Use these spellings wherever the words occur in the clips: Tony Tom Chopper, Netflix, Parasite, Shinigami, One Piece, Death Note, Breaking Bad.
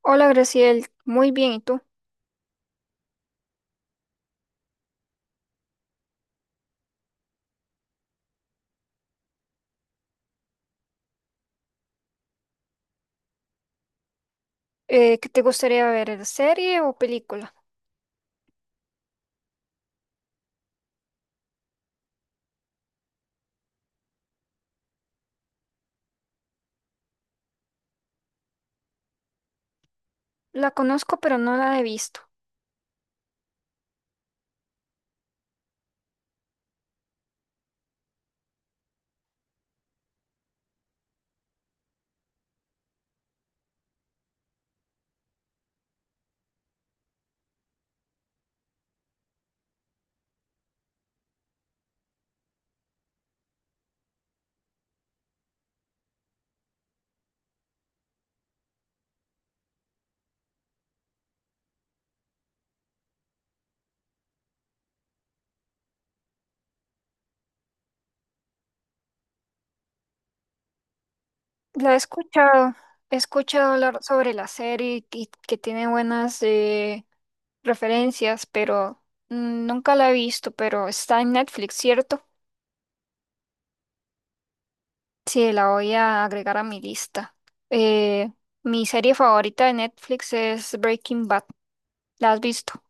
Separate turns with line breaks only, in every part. Hola Graciel, muy bien, ¿y tú? ¿Qué te gustaría ver, serie o película? La conozco, pero no la he visto. La he escuchado, He escuchado hablar sobre la serie y que tiene buenas referencias, pero nunca la he visto, pero está en Netflix, ¿cierto? Sí, la voy a agregar a mi lista. Eh, Mi serie favorita de Netflix es Breaking Bad. ¿La has visto?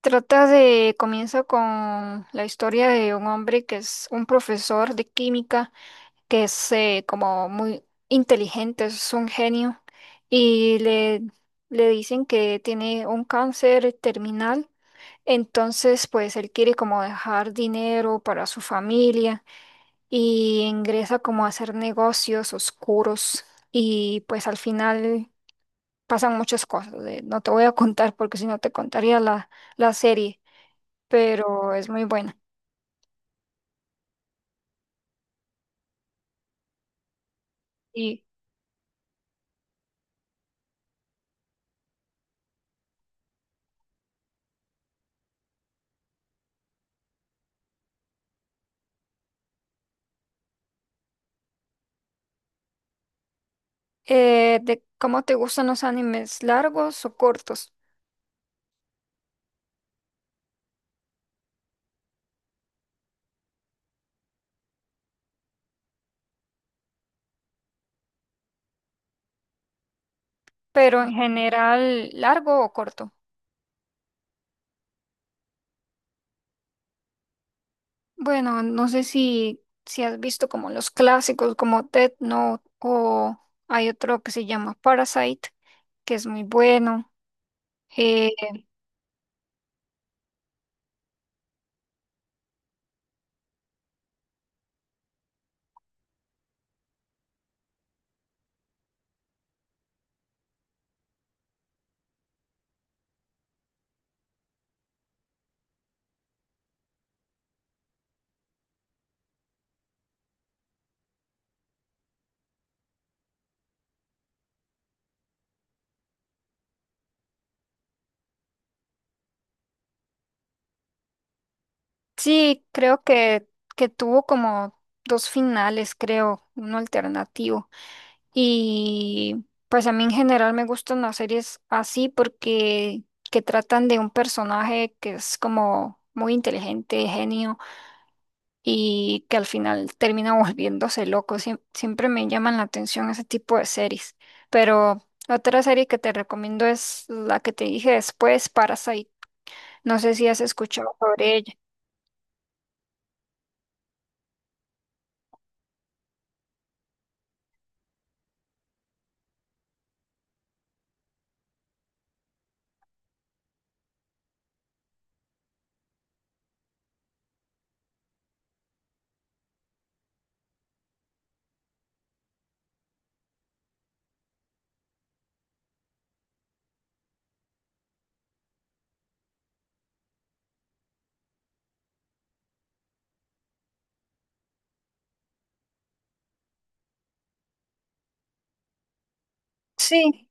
Comienza con la historia de un hombre que es un profesor de química, que es como muy inteligente, es un genio, y le dicen que tiene un cáncer terminal, entonces pues él quiere como dejar dinero para su familia y ingresa como a hacer negocios oscuros y pues al final pasan muchas cosas, no te voy a contar porque si no te contaría la serie pero es muy buena. Y de cómo te gustan los animes, largos o cortos, pero en general, largo o corto. Bueno, no sé si has visto como los clásicos como Death Note o hay otro que se llama Parasite, que es muy bueno. Eh, sí, creo que tuvo como dos finales, creo, uno alternativo. Y pues a mí en general me gustan las series así porque que tratan de un personaje que es como muy inteligente, genio y que al final termina volviéndose loco. Siempre me llaman la atención ese tipo de series. Pero otra serie que te recomiendo es la que te dije después, Parasite. No sé si has escuchado sobre ella. Sí.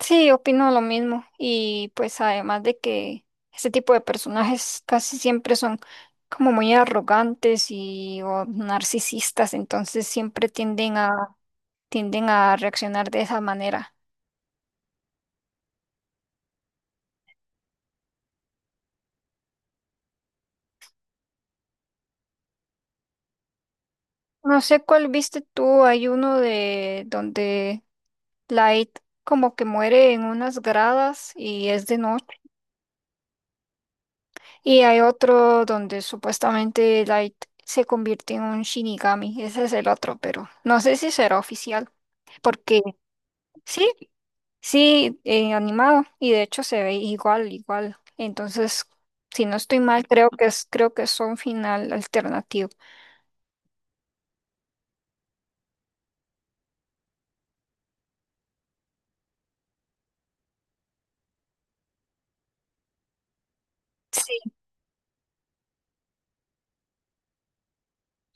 Sí, opino lo mismo. Y pues además de que este tipo de personajes casi siempre son como muy arrogantes y o narcisistas, entonces siempre tienden a reaccionar de esa manera. No sé cuál viste tú, hay uno de donde Light como que muere en unas gradas y es de noche. Y hay otro donde supuestamente Light se convierte en un Shinigami. Ese es el otro, pero no sé si será oficial porque. Sí, sí, animado y de hecho se ve igual, igual. Entonces, si no estoy mal, creo que es un final alternativo. Sí,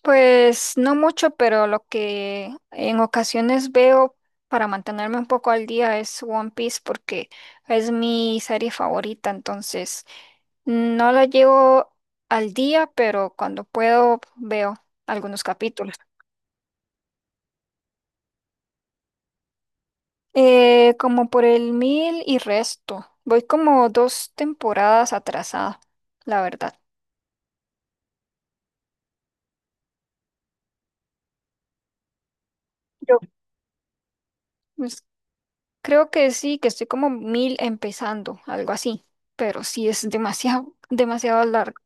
pues no mucho, pero lo que en ocasiones veo para mantenerme un poco al día es One Piece porque es mi serie favorita, entonces no la llevo al día, pero cuando puedo veo algunos capítulos. Como por el 1000 y resto. Voy como dos temporadas atrasada, la verdad. Yo Pues, creo que sí, que estoy como 1000 empezando, algo así. Pero sí es demasiado, demasiado largo.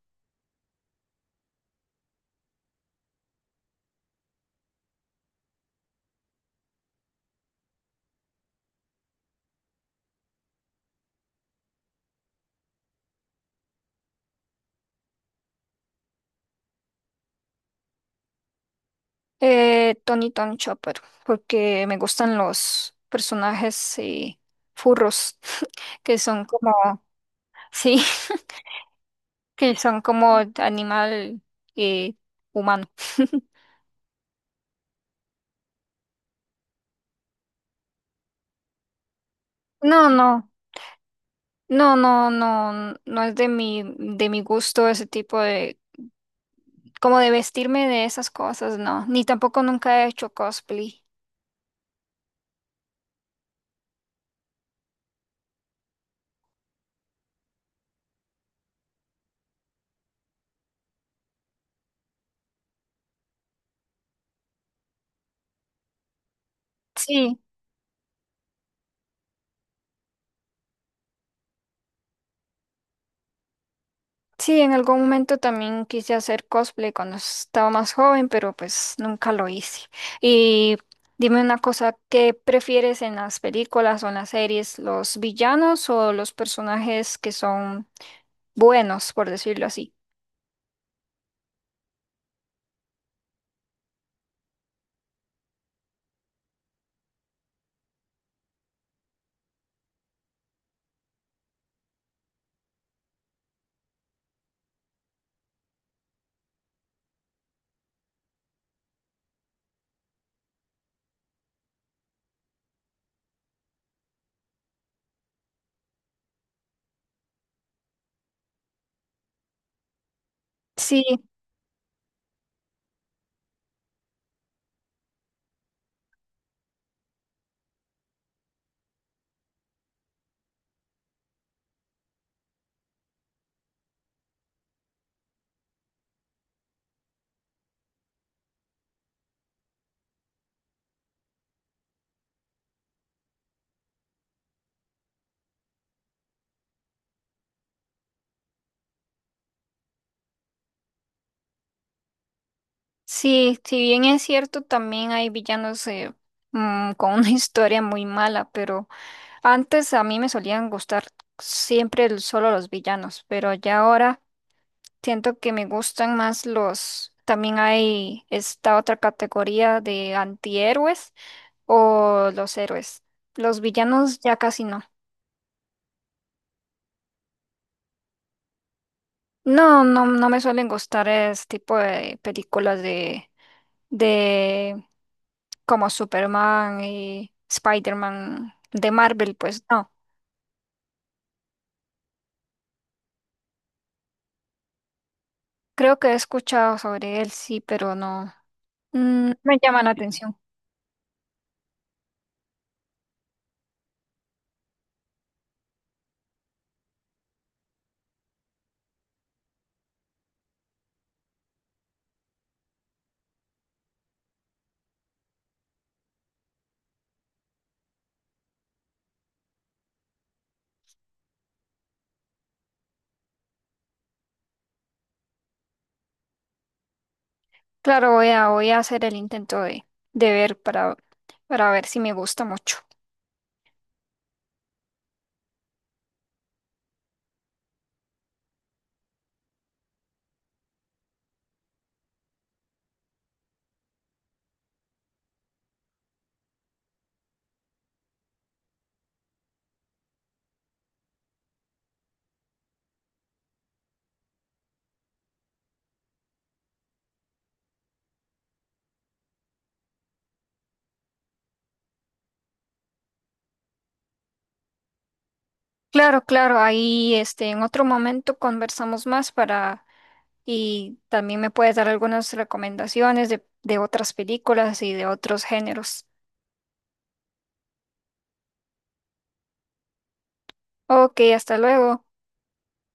Tony Tom Chopper, porque me gustan los personajes furros, que son como, sí, que son como animal eh, humano. No, no. No, no, no, no es de mi gusto ese tipo de, como de vestirme de esas cosas, no. Ni tampoco nunca he hecho cosplay. Sí, sí, en algún momento también quise hacer cosplay cuando estaba más joven, pero pues nunca lo hice. Y dime una cosa, ¿qué prefieres en las películas o en las series, los villanos o los personajes que son buenos, por decirlo así? Sí. Sí, si bien es cierto, también hay villanos con una historia muy mala, pero antes a mí me solían gustar siempre solo los villanos, pero ya ahora siento que me gustan más los. También hay esta otra categoría de antihéroes o los héroes. Los villanos ya casi no. No, no, no me suelen gustar ese tipo de películas De como Superman y Spider-Man de Marvel, pues no. Creo que he escuchado sobre él, sí, pero no, me llama la atención. Claro, voy a hacer el intento de ver para ver si me gusta mucho. Claro, claro, ahí en otro momento conversamos más para y también me puedes dar algunas recomendaciones de otras películas y de otros géneros. Ok, hasta luego.